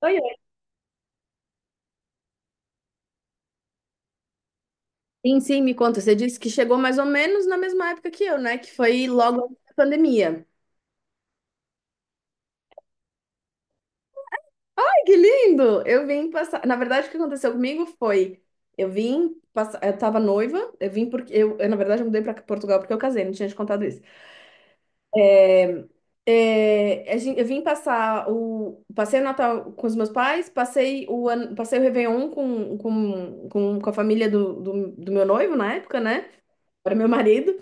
Oi, oi. Sim, me conta. Você disse que chegou mais ou menos na mesma época que eu, né? Que foi logo antes da pandemia. Ai, que lindo! Eu vim passar. Na verdade, o que aconteceu comigo foi: eu vim passar. Eu tava noiva, eu vim porque. Na verdade, eu mudei pra Portugal porque eu casei, não tinha te contado isso. A gente, eu vim passar o. Passei o Natal com os meus pais, passei o, ano, passei o Réveillon com a família do meu noivo na época, né? Era meu marido.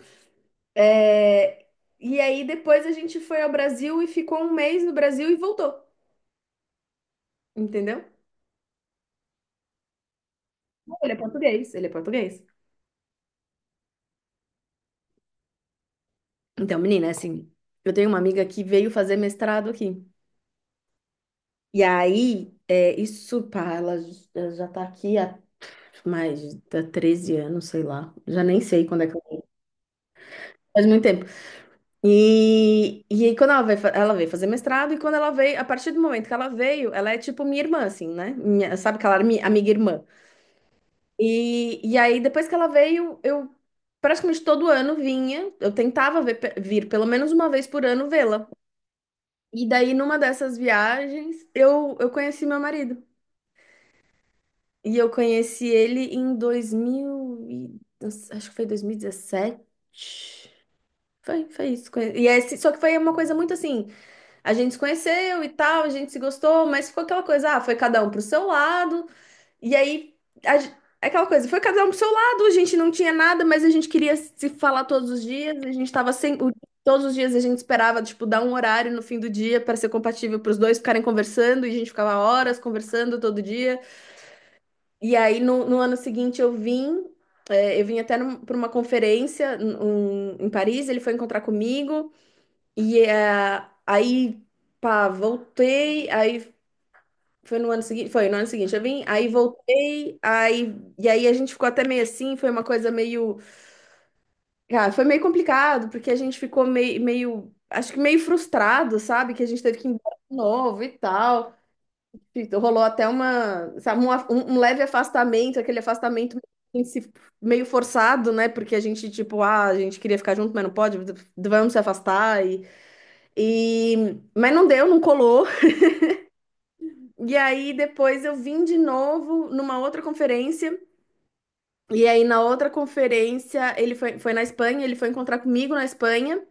É, e aí depois a gente foi ao Brasil e ficou um mês no Brasil e voltou, entendeu? Ele é português, ele é português. Então, menina, assim, eu tenho uma amiga que veio fazer mestrado aqui. E aí, isso, pá, ela já tá aqui há mais de 13 anos, sei lá. Já nem sei quando é que ela veio. Faz muito tempo. E aí, quando ela veio, ela veio fazer mestrado, e quando ela veio, a partir do momento que ela veio, ela é tipo minha irmã, assim, né? Sabe aquela amiga irmã? E aí, depois que ela veio, eu praticamente todo ano vinha. Eu tentava vir pelo menos uma vez por ano vê-la. E daí, numa dessas viagens, eu conheci meu marido. E eu conheci ele em 2000, e- acho que foi 2017. Foi, foi isso. E é esse, só que foi uma coisa muito assim, a gente se conheceu e tal, a gente se gostou, mas ficou aquela coisa, ah, foi cada um pro seu lado. E aí, a gen- aquela coisa, foi cada um pro seu lado, a gente não tinha nada, mas a gente queria se falar todos os dias, a gente tava sem. O- todos os dias a gente esperava, tipo, dar um horário no fim do dia para ser compatível para os dois ficarem conversando, e a gente ficava horas conversando todo dia. E aí, no ano seguinte, eu vim. Eu vim até para uma conferência em Paris, ele foi encontrar comigo, e aí, pá, voltei, aí foi no ano seguinte, foi no ano seguinte, eu vim, aí voltei, aí e aí a gente ficou até meio assim, foi uma coisa meio, ah, foi meio complicado, porque a gente ficou meio, meio, acho que meio frustrado, sabe, que a gente teve que ir embora de novo e tal. E rolou até uma, sabe, um leve afastamento, aquele afastamento meio se- meio forçado, né? Porque a gente, tipo, ah, a gente queria ficar junto, mas não pode, vamos se afastar. E, e... Mas não deu, não colou. E aí depois eu vim de novo numa outra conferência. E aí, na outra conferência, ele foi, foi na Espanha, ele foi encontrar comigo na Espanha.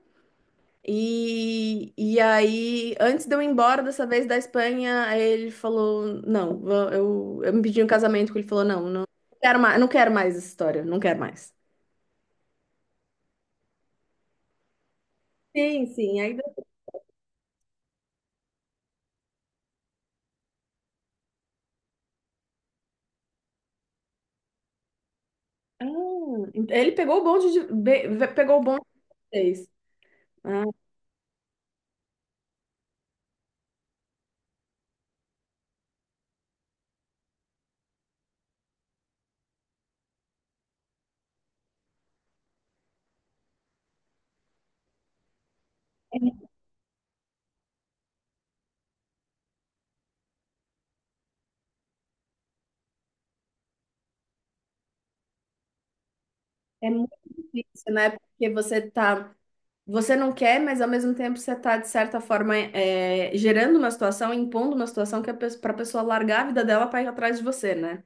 E aí, antes de eu ir embora dessa vez da Espanha, ele falou: Não, eu me pedi um casamento. Que ele falou: Não, não quero mais, não quero mais essa história, não quero mais. Sim, sim. Aí, ah, ele pegou o bonde de, pegou o bonde de vocês. Ah, é muito difícil, né? Porque você tá. Você não quer, mas ao mesmo tempo você está, de certa forma, é, gerando uma situação, impondo uma situação que para a pessoa largar a vida dela para ir atrás de você, né?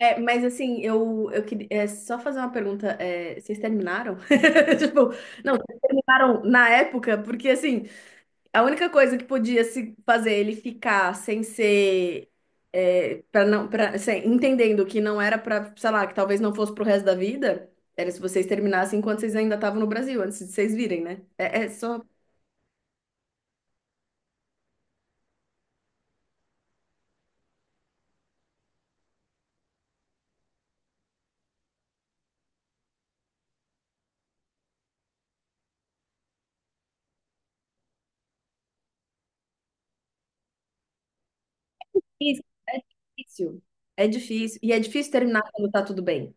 É, mas assim, eu queria é, só fazer uma pergunta. É, vocês terminaram? Tipo, não, vocês terminaram na época, porque assim. A única coisa que podia se fazer ele ficar sem ser para não para entendendo que não era para, sei lá, que talvez não fosse pro resto da vida, era se vocês terminassem enquanto vocês ainda estavam no Brasil, antes de vocês virem, né? É, é só isso, é difícil. É difícil. E é difícil terminar quando tá tudo bem.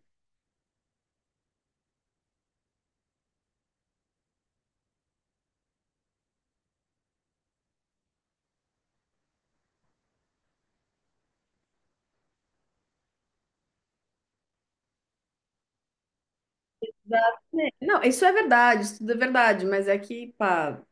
Exatamente. Não, isso é verdade, isso tudo é verdade, mas é que, pá,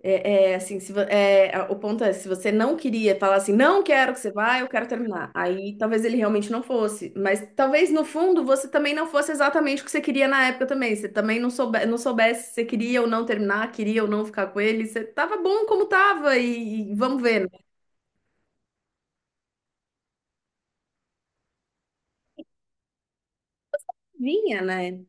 é, é, assim, se, vo- é, a- o ponto é, se você não queria falar assim, não quero que você vá, eu quero terminar. Aí talvez ele realmente não fosse. Mas talvez no fundo você também não fosse exatamente o que você queria na época também. Você também não soube, não soubesse se você queria ou não terminar, queria ou não ficar com ele. Você tava bom como tava e vamos ver, né? Vinha, né?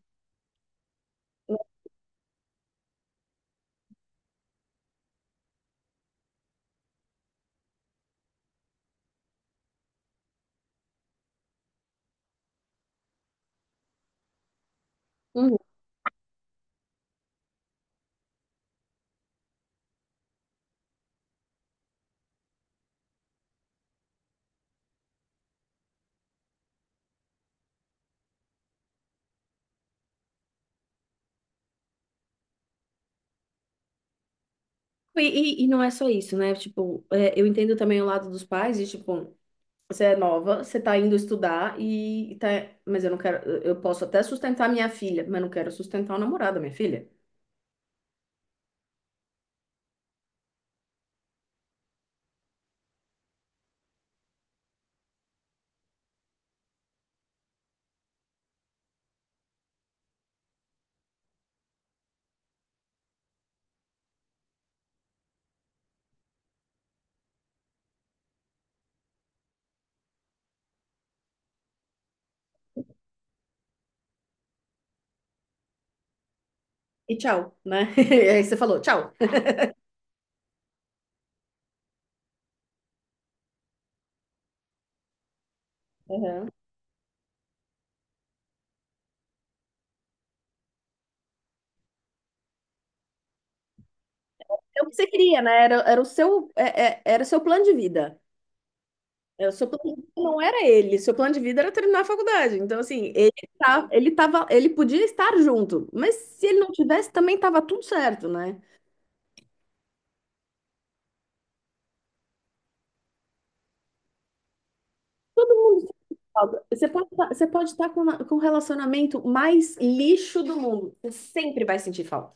Uhum. E, e não é só isso, né? Tipo, é, eu entendo também o lado dos pais, e tipo. Você é nova, você tá indo estudar e tá. Mas eu não quero. Eu posso até sustentar minha filha, mas não quero sustentar o namorado da minha filha. E tchau, né? E aí você falou, tchau. Uhum. É o que você queria, né? Era, era o seu, era o seu plano de vida. É, o seu plano de vida não era ele. Seu plano de vida era terminar a faculdade. Então, assim, ele tá, ele tava, ele podia estar junto, mas se ele não tivesse, também tava tudo certo, né? Alba, você pode, você pode estar com, com o relacionamento mais lixo do mundo. Você sempre vai sentir falta.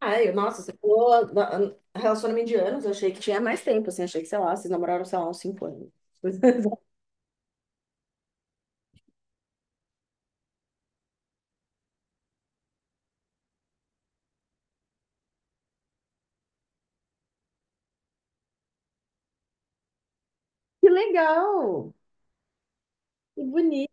Ai, nossa, você falou relacionamento de anos, eu achei que tinha mais tempo, assim, achei que, sei lá, vocês namoraram, sei lá, uns cinco anos. Que legal! Que bonito!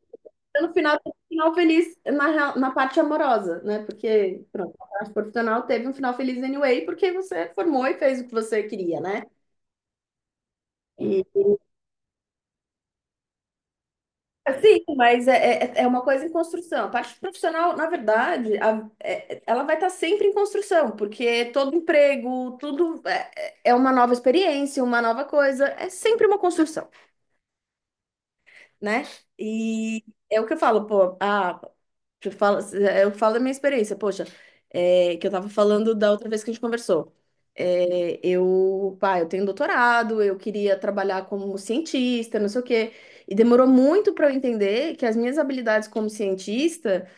Então, no final, teve um final feliz na, na parte amorosa, né? Porque, pronto, a parte profissional teve um final feliz anyway, porque você formou e fez o que você queria, né? E sim, mas é uma coisa em construção. A parte profissional, na verdade, ela vai estar sempre em construção, porque todo emprego, tudo é, é uma nova experiência, uma nova coisa, é sempre uma construção, né? E é o que eu falo, pô, ah, eu falo da minha experiência, poxa, é, que eu tava falando da outra vez que a gente conversou. É, eu, pá, eu tenho doutorado, eu queria trabalhar como cientista, não sei o quê, e demorou muito para eu entender que as minhas habilidades como cientista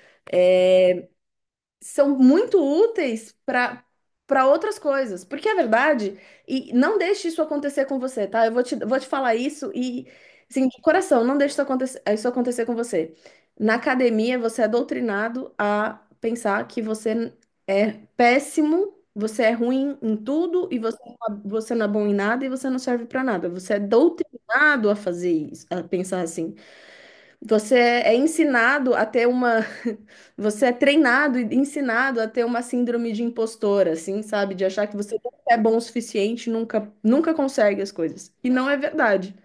são muito úteis para outras coisas. Porque é verdade, e não deixe isso acontecer com você, tá? Vou te falar isso e, assim, de coração, não deixe isso acontecer com você. Na academia, você é doutrinado a pensar que você é péssimo, você é ruim em tudo você não é bom em nada e você não serve para nada. Você é doutrinado a fazer isso, a pensar assim. Você é ensinado a ter uma. Você é treinado e ensinado a ter uma síndrome de impostora, assim, sabe? De achar que você nunca é bom o suficiente, nunca, nunca consegue as coisas. E não é verdade.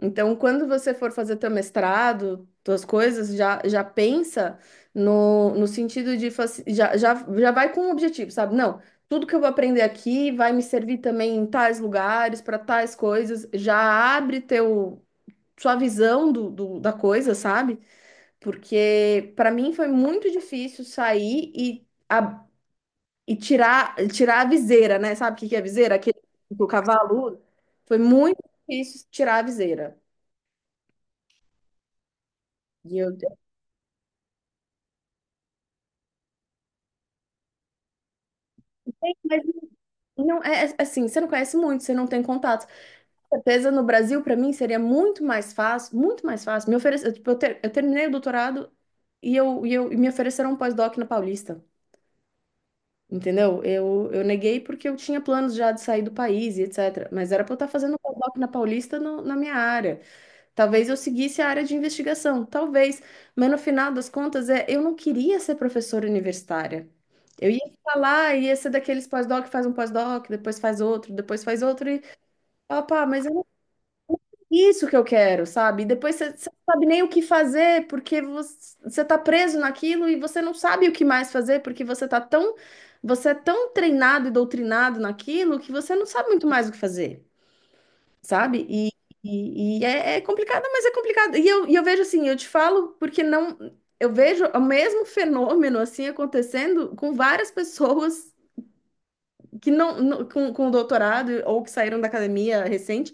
Então, quando você for fazer teu mestrado, tuas coisas, já pensa no sentido de. Já, já, já vai com um objetivo, sabe? Não, tudo que eu vou aprender aqui vai me servir também em tais lugares, para tais coisas. Já abre teu, sua visão do, da coisa, sabe? Porque para mim foi muito difícil sair e tirar, tirar a viseira, né? Sabe o que que é viseira? Aquele que o cavalo usa. Foi muito difícil tirar a viseira. E eu, mas não é é, assim, você não conhece muito, você não tem contato. Com certeza no Brasil para mim seria muito mais fácil, muito mais fácil. Me oferece, eu, tipo, eu terminei o doutorado e me ofereceram um pós-doc na Paulista. Entendeu? Eu neguei porque eu tinha planos já de sair do país e etc. Mas era para eu estar fazendo pós-doc na Paulista na minha área. Talvez eu seguisse a área de investigação, talvez. Mas no final das contas, é, eu não queria ser professora universitária. Eu ia ficar lá, ia ser daqueles pós-doc, faz um pós-doc, depois faz outro, depois faz outro. E, opa, mas isso que eu quero, sabe? E depois você não sabe nem o que fazer, porque você tá preso naquilo e você não sabe o que mais fazer, porque você tá tão, você é tão treinado e doutrinado naquilo que você não sabe muito mais o que fazer, sabe? E é, é complicado, mas é complicado. E eu vejo assim, eu te falo porque não, eu vejo o mesmo fenômeno assim acontecendo com várias pessoas que não, com doutorado ou que saíram da academia recente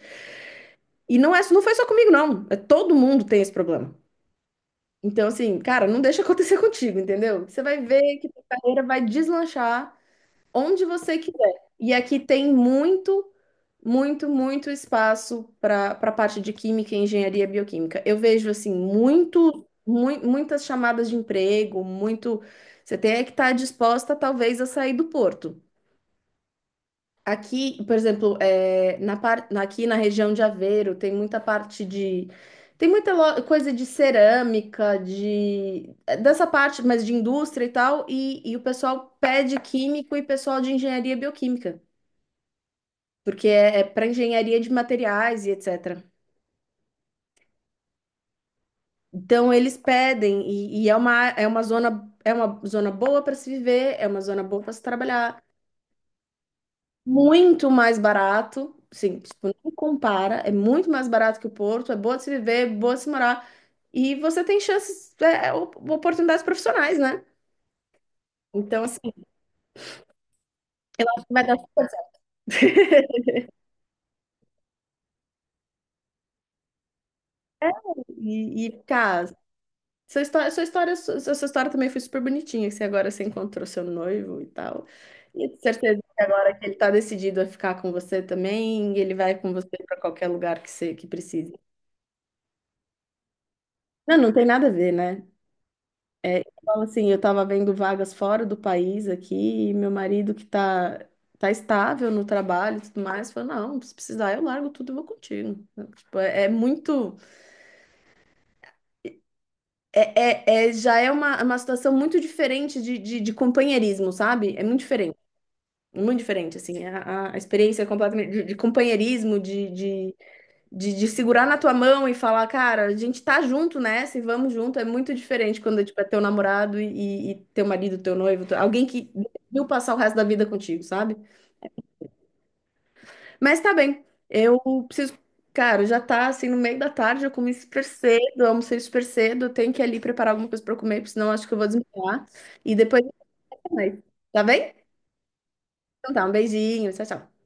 e não é, não foi só comigo, não. É, todo mundo tem esse problema. Então, assim, cara, não deixa acontecer contigo, entendeu? Você vai ver que tua carreira vai deslanchar onde você quiser. E aqui tem muito, muito, muito espaço para parte de química, engenharia bioquímica. Eu vejo, assim, muito, muitas chamadas de emprego, muito. Você tem é que estar disposta, talvez, a sair do porto. Aqui, por exemplo, é, aqui na região de Aveiro tem muita parte de. Tem muita coisa de cerâmica, de é, dessa parte, mas de indústria e tal, e o pessoal pede químico e pessoal de engenharia bioquímica, porque é, é para engenharia de materiais e etc. Então eles pedem, e é uma zona boa para se viver, é uma zona boa para se trabalhar. Muito mais barato, sim, tipo, não compara, é muito mais barato que o Porto, é boa de se viver, boa de se morar, e você tem chances, é, é, oportunidades profissionais, né? Então, assim, eu acho que vai dar super certo. É, e cara, sua história, sua história, sua história também foi super bonitinha, que você encontrou seu noivo e tal. E eu tenho certeza que agora que ele tá decidido a ficar com você também, ele vai com você para qualquer lugar que você que precise. Não, não tem nada a ver, né? É, eu assim, eu estava vendo vagas fora do país aqui, e meu marido que tá, tá estável no trabalho e tudo mais, falou, não, se precisar eu largo tudo e vou contigo. Tipo, é, é muito, é, é, é- já é uma situação muito diferente de companheirismo, sabe? É muito diferente, assim, a experiência é completamente de companheirismo, de segurar na tua mão e falar, cara, a gente tá junto nessa e vamos junto, é muito diferente quando tipo, é teu namorado e teu marido, teu noivo, alguém que decidiu passar o resto da vida contigo, sabe? Mas tá bem, eu preciso. Cara, já tá assim no meio da tarde, eu comi super cedo, eu almocei super cedo, eu tenho que ir ali preparar alguma coisa pra eu comer, porque senão eu acho que eu vou desmaiar. E depois, a gente vai. Tá bem? Então tá, um beijinho, tchau, tchau.